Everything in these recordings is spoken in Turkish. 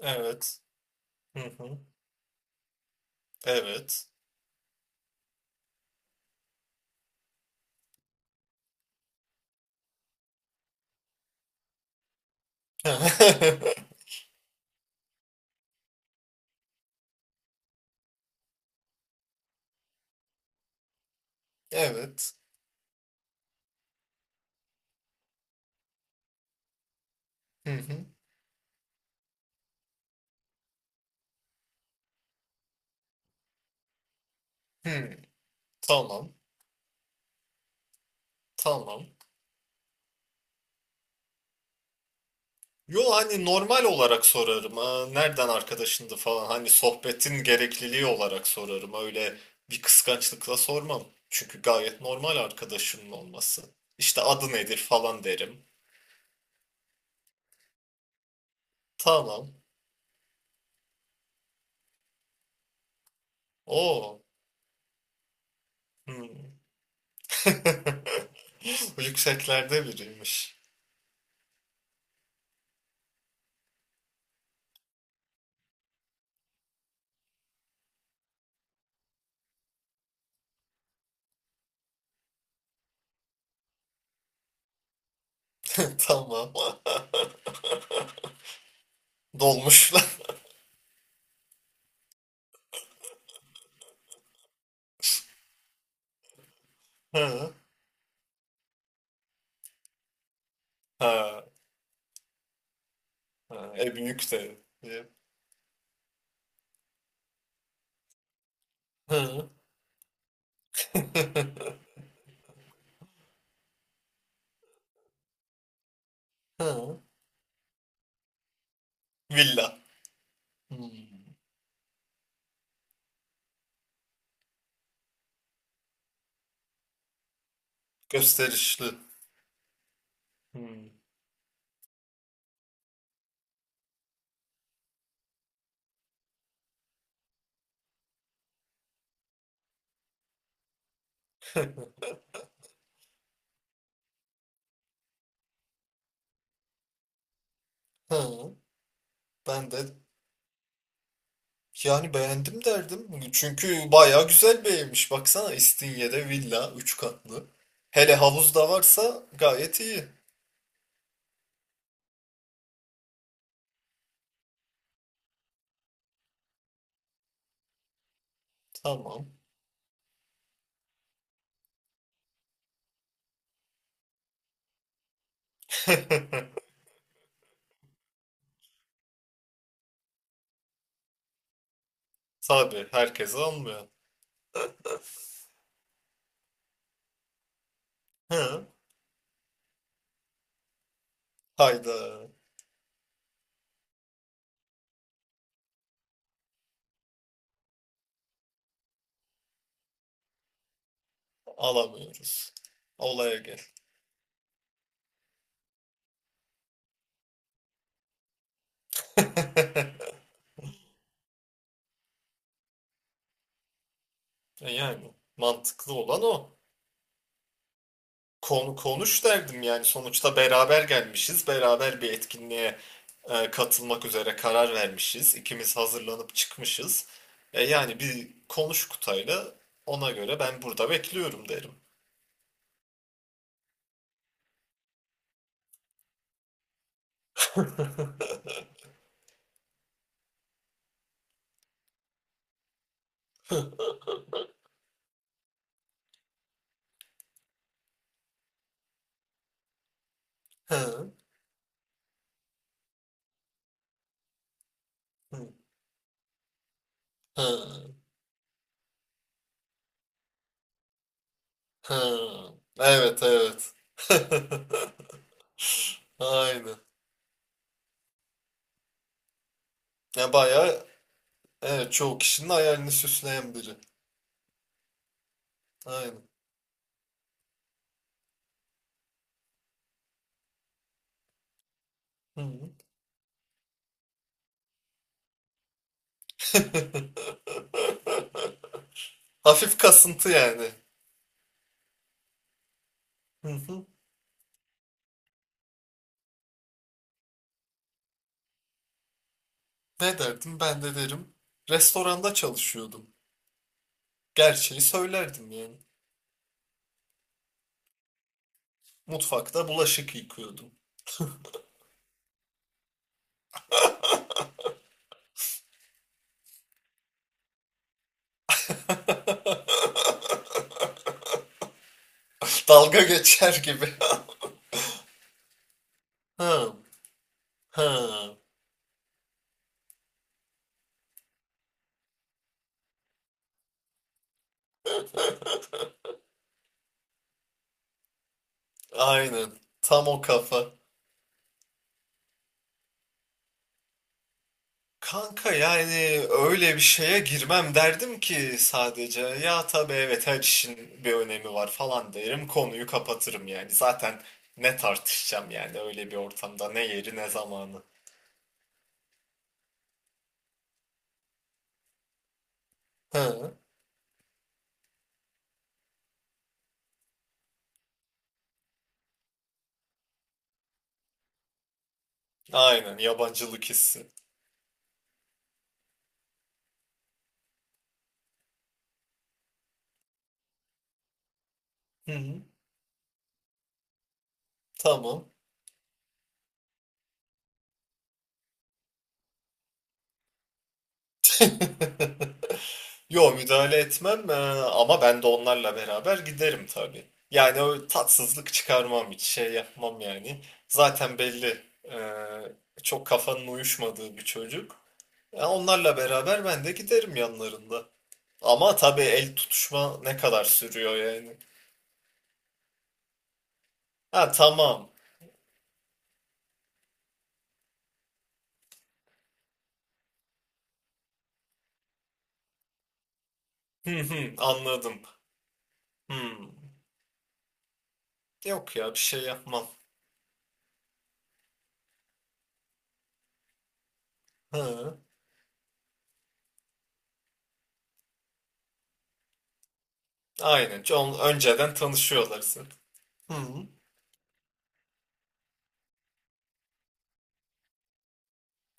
Evet. Hı hı. Evet. Evet. Hı hı. Hı. Tamam. Tamam. Yo, hani normal olarak sorarım. Ha, nereden arkadaşındı falan. Hani sohbetin gerekliliği olarak sorarım. Öyle bir kıskançlıkla sormam. Çünkü gayet normal arkadaşımın olması. İşte adı nedir falan derim. Tamam. Oo. Hı. Bu yükseklerde biriymiş. Tamam. Dolmuşlar. Ha. Ha. Ha, e büyük de. Diye. Hı. Hı. Villa. Hmm. Gösterişli. Hmm. Hı. Ben de yani beğendim derdim. Çünkü bayağı güzel bir evmiş. Baksana İstinye'de villa 3 katlı. Hele havuz da varsa gayet iyi. Tamam. Tabii herkes almıyor. Hı. Hayda, alamıyoruz. Olaya gel. E yani mantıklı olan o. Konu konuş derdim yani, sonuçta beraber gelmişiz. Beraber bir etkinliğe katılmak üzere karar vermişiz. İkimiz hazırlanıp çıkmışız. E, yani bir konuş Kutay'la, ona göre ben burada bekliyorum derim. Hı, hı, hı, evet, evet. Aynen. Ya bayağı, evet, çoğu kişinin hayalini süsleyen biri. Aynen. Hı. Hafif kasıntı yani. Hı hı. Ne derdim? Ben de derim. Restoranda çalışıyordum. Gerçeği söylerdim yani. Mutfakta bulaşık yıkıyordum. Dalga geçer gibi. Ha, ha, aynen. Tam o kafa. Kanka yani öyle bir şeye girmem derdim ki, sadece ya tabii evet her işin bir önemi var falan derim, konuyu kapatırım yani. Zaten ne tartışacağım yani, öyle bir ortamda ne yeri ne zamanı. Hı. Aynen, yabancılık hissi. Hı hı. Tamam. Yo, müdahale etmem, ama ben de onlarla beraber giderim tabii. Yani o, tatsızlık çıkarmam, hiç şey yapmam yani. Zaten belli çok kafanın uyuşmadığı bir çocuk. E, onlarla beraber ben de giderim yanlarında. Ama tabii el tutuşma ne kadar sürüyor yani. Ha, tamam. Hı hı, anladım. Hmm. Yok ya, bir şey yapmam. Hı. Aynen. Çok önceden tanışıyorlar zaten. Hı hı.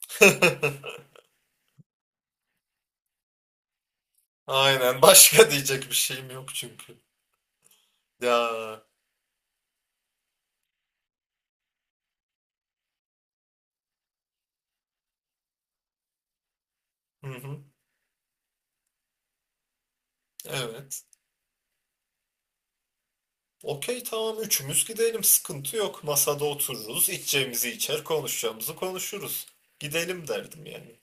Aynen. Başka diyecek bir şeyim yok çünkü. Ya. Hı hı. Evet. Okey, tamam, üçümüz gidelim. Sıkıntı yok. Masada otururuz. İçeceğimizi içer, konuşacağımızı konuşuruz. Gidelim derdim yani.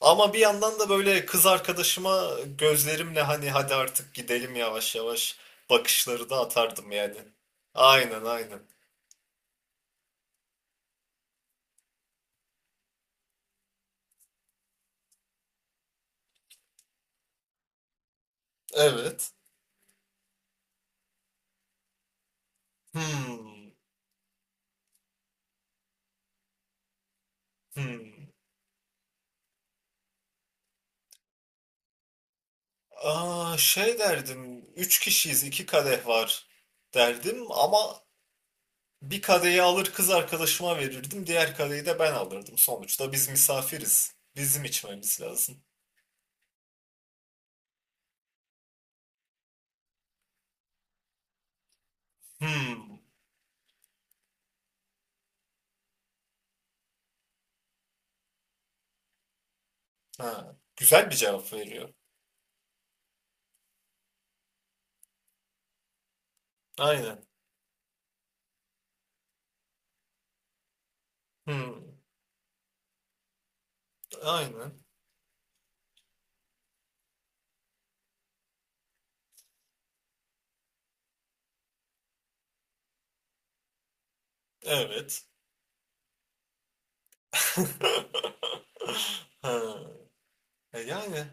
Ama bir yandan da böyle kız arkadaşıma gözlerimle hani hadi artık gidelim yavaş yavaş bakışları da atardım yani. Aynen, aynen. Evet. Hmm. Hmm. Aa, şey derdim, üç kişiyiz, iki kadeh var derdim ama bir kadehi alır kız arkadaşıma verirdim, diğer kadehi de ben alırdım. Sonuçta biz misafiriz, bizim içmemiz lazım. Hmm, ha, güzel bir cevap veriyor. Aynen. Hmm, aynen. Evet. Ha, yani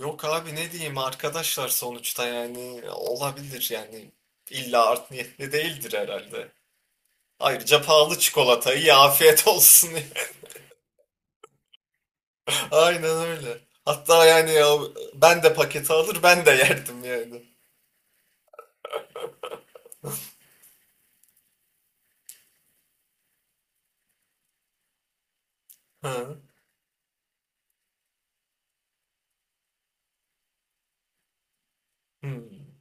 yok abi ne diyeyim, arkadaşlar sonuçta yani, olabilir yani, illa art niyetli değildir herhalde. Ayrıca pahalı çikolatayı ya, afiyet olsun diye. Aynen öyle. Hatta yani ya ben de paketi alır, ben de yerdim yani. Hı. Hmm.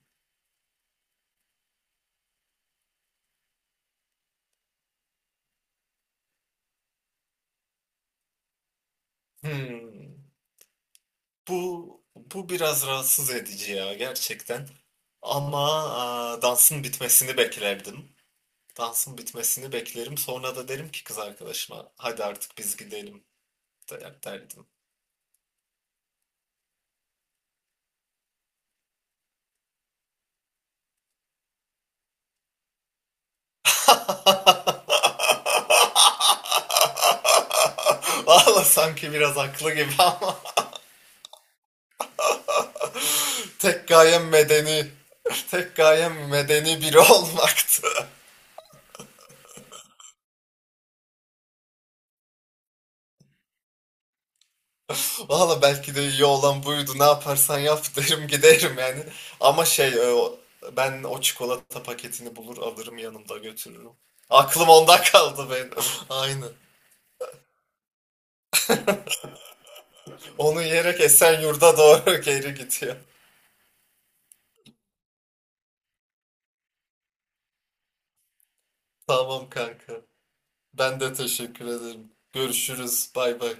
Hmm. bu biraz rahatsız edici ya, gerçekten. Ama aa, dansın bitmesini beklerdim. Dansın bitmesini beklerim. Sonra da derim ki kız arkadaşıma, hadi artık biz gidelim derdim. Valla sanki biraz haklı gibi ama. Tek gayem medeni, Tek gayem medeni biri olmaktı. Valla belki de iyi olan buydu. Ne yaparsan yap derim, giderim yani. Ama şey, ben o çikolata paketini bulur alırım, yanımda götürürüm. Aklım onda kaldı benim. Aynı. Onu yiyerek Esenyurt'a doğru geri gidiyor. Tamam kanka. Ben de teşekkür ederim. Görüşürüz. Bay bay.